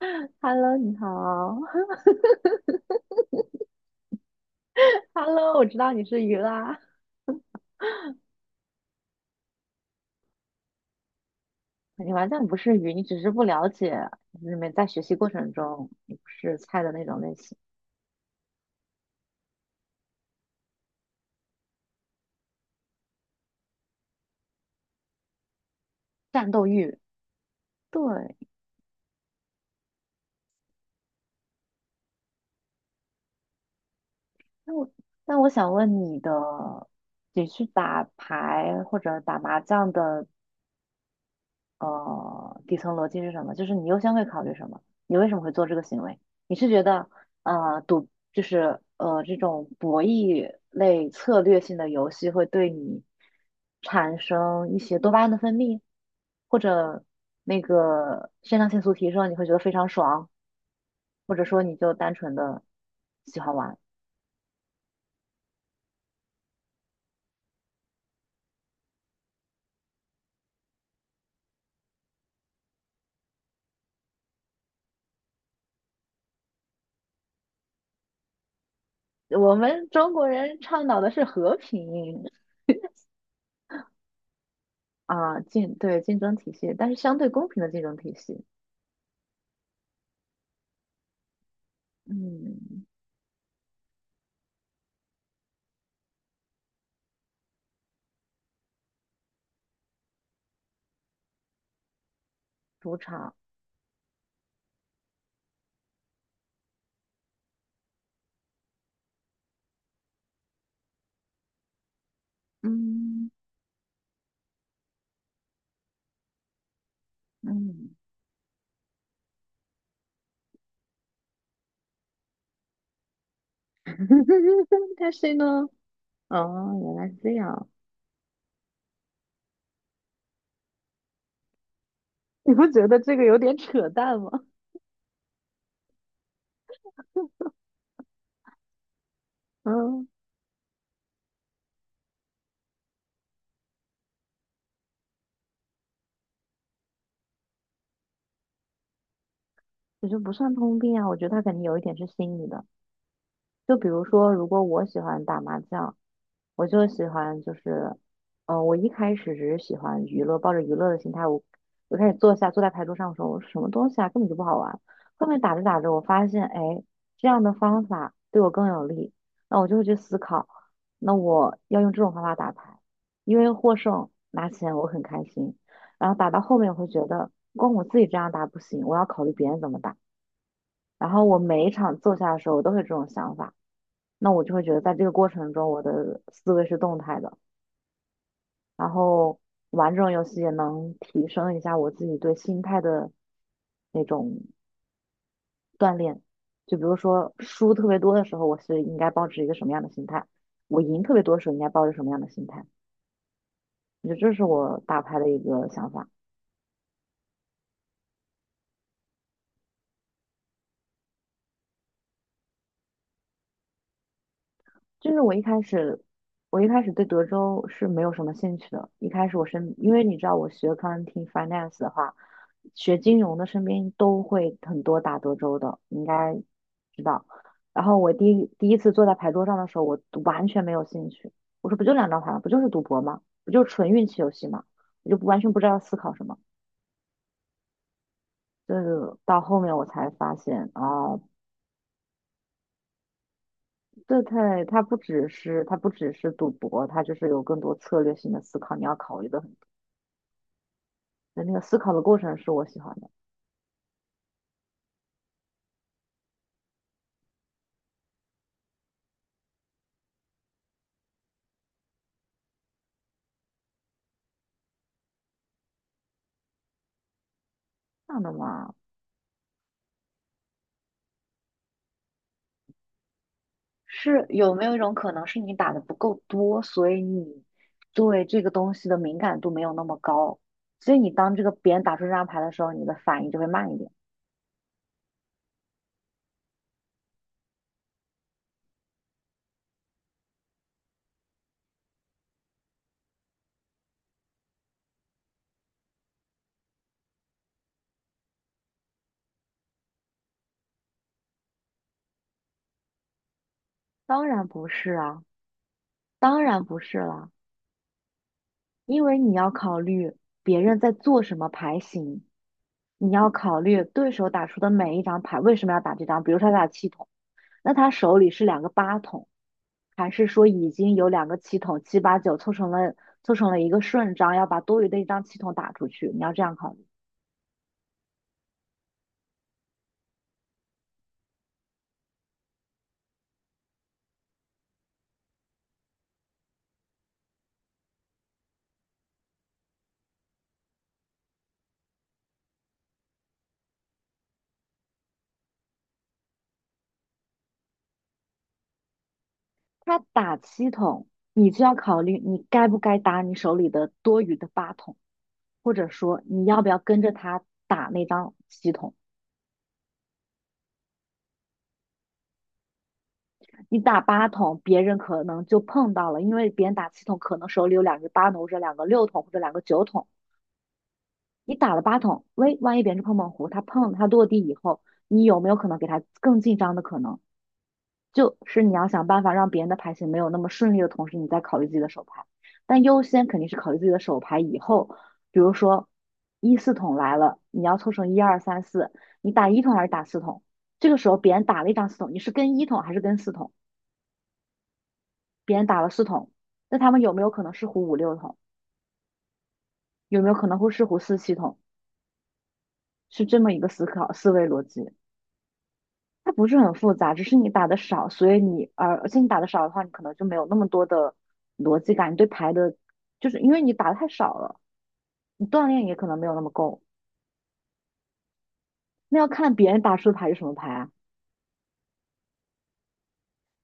Hello，你好。Hello，我知道你是鱼啦。你完全不是鱼，你只是不了解，你们在学习过程中你不是菜的那种类型，战斗欲。对，那我那我想问你的，你去打牌或者打麻将的底层逻辑是什么？就是你优先会考虑什么？你为什么会做这个行为？你是觉得赌就是这种博弈类策略性的游戏会对你产生一些多巴胺的分泌，或者那个肾上腺素提升，你会觉得非常爽，或者说你就单纯的喜欢玩。我们中国人倡导的是和平啊，对，竞争体系，但是相对公平的竞争体系。嗯主场，嗯嗯，但是呢，哦，原来是这样，你不觉得这个有点扯淡吗？嗯，我觉得不算通病啊，我觉得他肯定有一点是心理的。就比如说，如果我喜欢打麻将，我就喜欢就是，嗯，我一开始只是喜欢娱乐，抱着娱乐的心态，我开始坐下坐在牌桌上的时候，我说什么东西啊，根本就不好玩。后面打着打着，我发现，哎，这样的方法对我更有利，那我就会去思考，那我要用这种方法打牌，因为获胜拿钱我很开心。然后打到后面，我会觉得光我自己这样打不行，我要考虑别人怎么打。然后我每一场坐下的时候，我都会有这种想法。那我就会觉得在这个过程中，我的思维是动态的，然后玩这种游戏也能提升一下我自己对心态的那种锻炼。就比如说输特别多的时候，我是应该保持一个什么样的心态；我赢特别多的时候，应该抱着什么样的心态。我觉得这是我打牌的一个想法。就是我一开始，我一开始对德州是没有什么兴趣的。一开始我身，因为你知道我学 accounting finance 的话，学金融的身边都会很多打德州的，你应该知道。然后我第一次坐在牌桌上的时候，我完全没有兴趣。我说不就两张牌吗？不就是赌博吗？不就是纯运气游戏吗？我就不完全不知道要思考什么。就是到后面我才发现啊，这太它不只是赌博，它就是有更多策略性的思考，你要考虑的。很。的那个思考的过程是我喜欢的。这样的嘛，是有没有一种可能是你打的不够多，所以你对这个东西的敏感度没有那么高，所以你当这个别人打出这张牌的时候，你的反应就会慢一点。当然不是啊，当然不是啦，因为你要考虑别人在做什么牌型，你要考虑对手打出的每一张牌为什么要打这张。比如说他打七筒，那他手里是两个八筒，还是说已经有两个气筒七八九凑成了一个顺张，要把多余的一张气筒打出去？你要这样考虑。他打七筒，你就要考虑你该不该打你手里的多余的八筒，或者说你要不要跟着他打那张七筒。你打八筒，别人可能就碰到了，因为别人打七筒可能手里有两个八筒或者两个六筒或者两个九筒。你打了八筒，喂，万一别人是碰碰胡，他碰他落地以后，你有没有可能给他更进张的可能？就是你要想办法让别人的牌型没有那么顺利的同时，你再考虑自己的手牌。但优先肯定是考虑自己的手牌。以后，比如说一四筒来了，你要凑成一二三四，你打一筒还是打四筒？这个时候别人打了一张四筒，你是跟一筒还是跟四筒？别人打了四筒，那他们有没有可能是胡五六筒？有没有可能会是胡四七筒？是这么一个思考思维逻辑。它不是很复杂，只是你打的少，所以你而且你打的少的话，你可能就没有那么多的逻辑感，你对牌的，就是因为你打的太少了，你锻炼也可能没有那么够。那要看别人打出的牌是什么牌啊？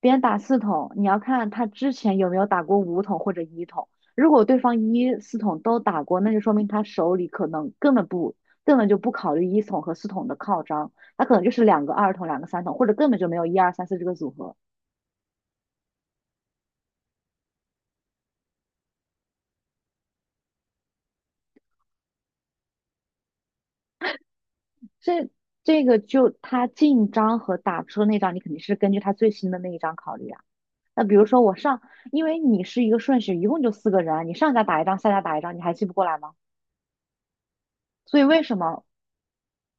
别人打四筒，你要看他之前有没有打过五筒或者一筒。如果对方一四筒都打过，那就说明他手里可能根本就不考虑一筒和四筒的靠张，他可能就是两个二筒、两个三筒，或者根本就没有一二三四这个组合。这这个就他进张和打出那张，你肯定是根据他最新的那一张考虑啊。那比如说我上，因为你是一个顺序，一共就四个人啊，你上家打一张，下家打一张，你还记不过来吗？所以为什么？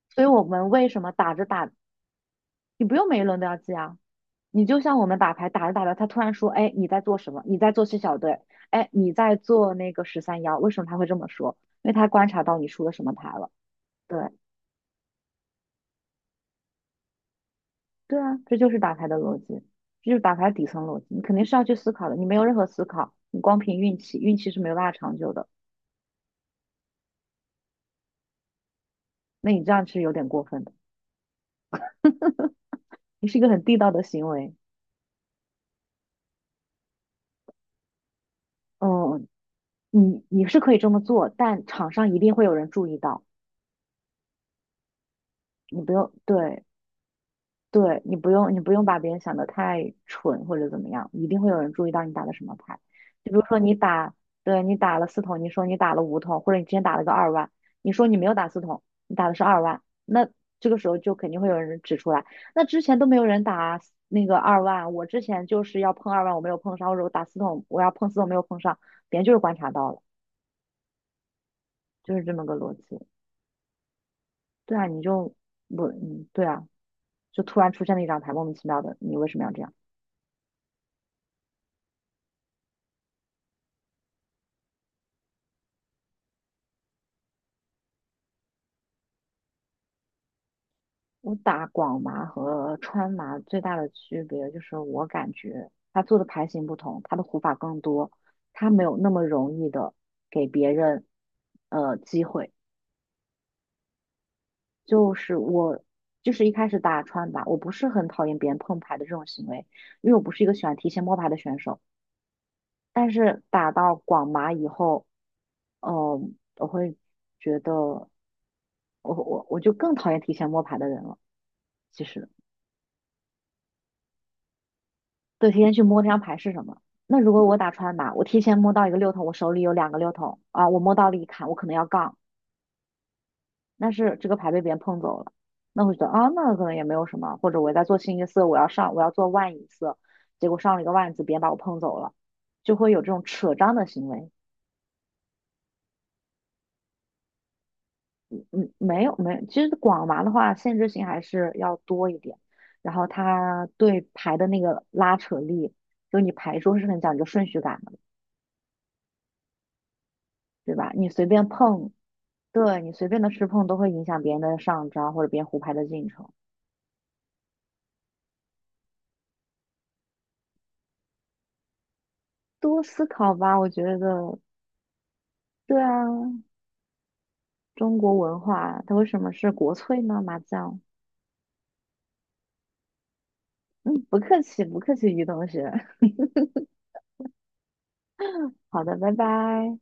所以我们为什么打着打，你不用每一轮都要记啊？你就像我们打牌，打着打着，他突然说，哎，你在做什么？你在做七小队，哎，你在做那个十三幺，为什么他会这么说？因为他观察到你出了什么牌了。对，对啊，这就是打牌的逻辑，这就是打牌底层逻辑。你肯定是要去思考的，你没有任何思考，你光凭运气，运气是没有办法长久的。那你这样是有点过分的，你是一个很地道的行为。嗯，你是可以这么做，但场上一定会有人注意到，你不用，对，对，你不用，你不用把别人想得太蠢或者怎么样，一定会有人注意到你打的什么牌。就比如说你打，对，你打了四筒，你说你打了五筒，或者你之前打了个二万，你说你没有打四筒，你打的是二万，那这个时候就肯定会有人指出来，那之前都没有人打那个二万，我之前就是要碰二万，我没有碰上，或者我打四筒，我要碰四筒没有碰上，别人就是观察到了，就是这么个逻辑。对啊，你就不，嗯，对啊，就突然出现了一张牌，莫名其妙的，你为什么要这样？我打广麻和川麻最大的区别就是，我感觉他做的牌型不同，他的胡法更多，他没有那么容易的给别人机会。就是我就是一开始打川麻，我不是很讨厌别人碰牌的这种行为，因为我不是一个喜欢提前摸牌的选手。但是打到广麻以后，呃，我会觉得我就更讨厌提前摸牌的人了。其实。对，提前去摸这张牌是什么。那如果我打川麻，我提前摸到一个六筒，我手里有两个六筒啊，我摸到了一砍，我可能要杠，但是这个牌被别人碰走了，那我觉得啊，那可能也没有什么，或者我在做清一色，我要上，我要做万一色，结果上了一个万字，别人把我碰走了，就会有这种扯张的行为。嗯，没有没有，其实广麻的话，限制性还是要多一点，然后它对牌的那个拉扯力，就你牌桌是很讲究顺序感的，对吧？你随便碰。对你随便的吃碰都会影响别人的上招或者别人胡牌的进程。多思考吧，我觉得。对啊，中国文化它为什么是国粹呢？麻将。嗯，不客气，不客气，于同学。好的，拜拜。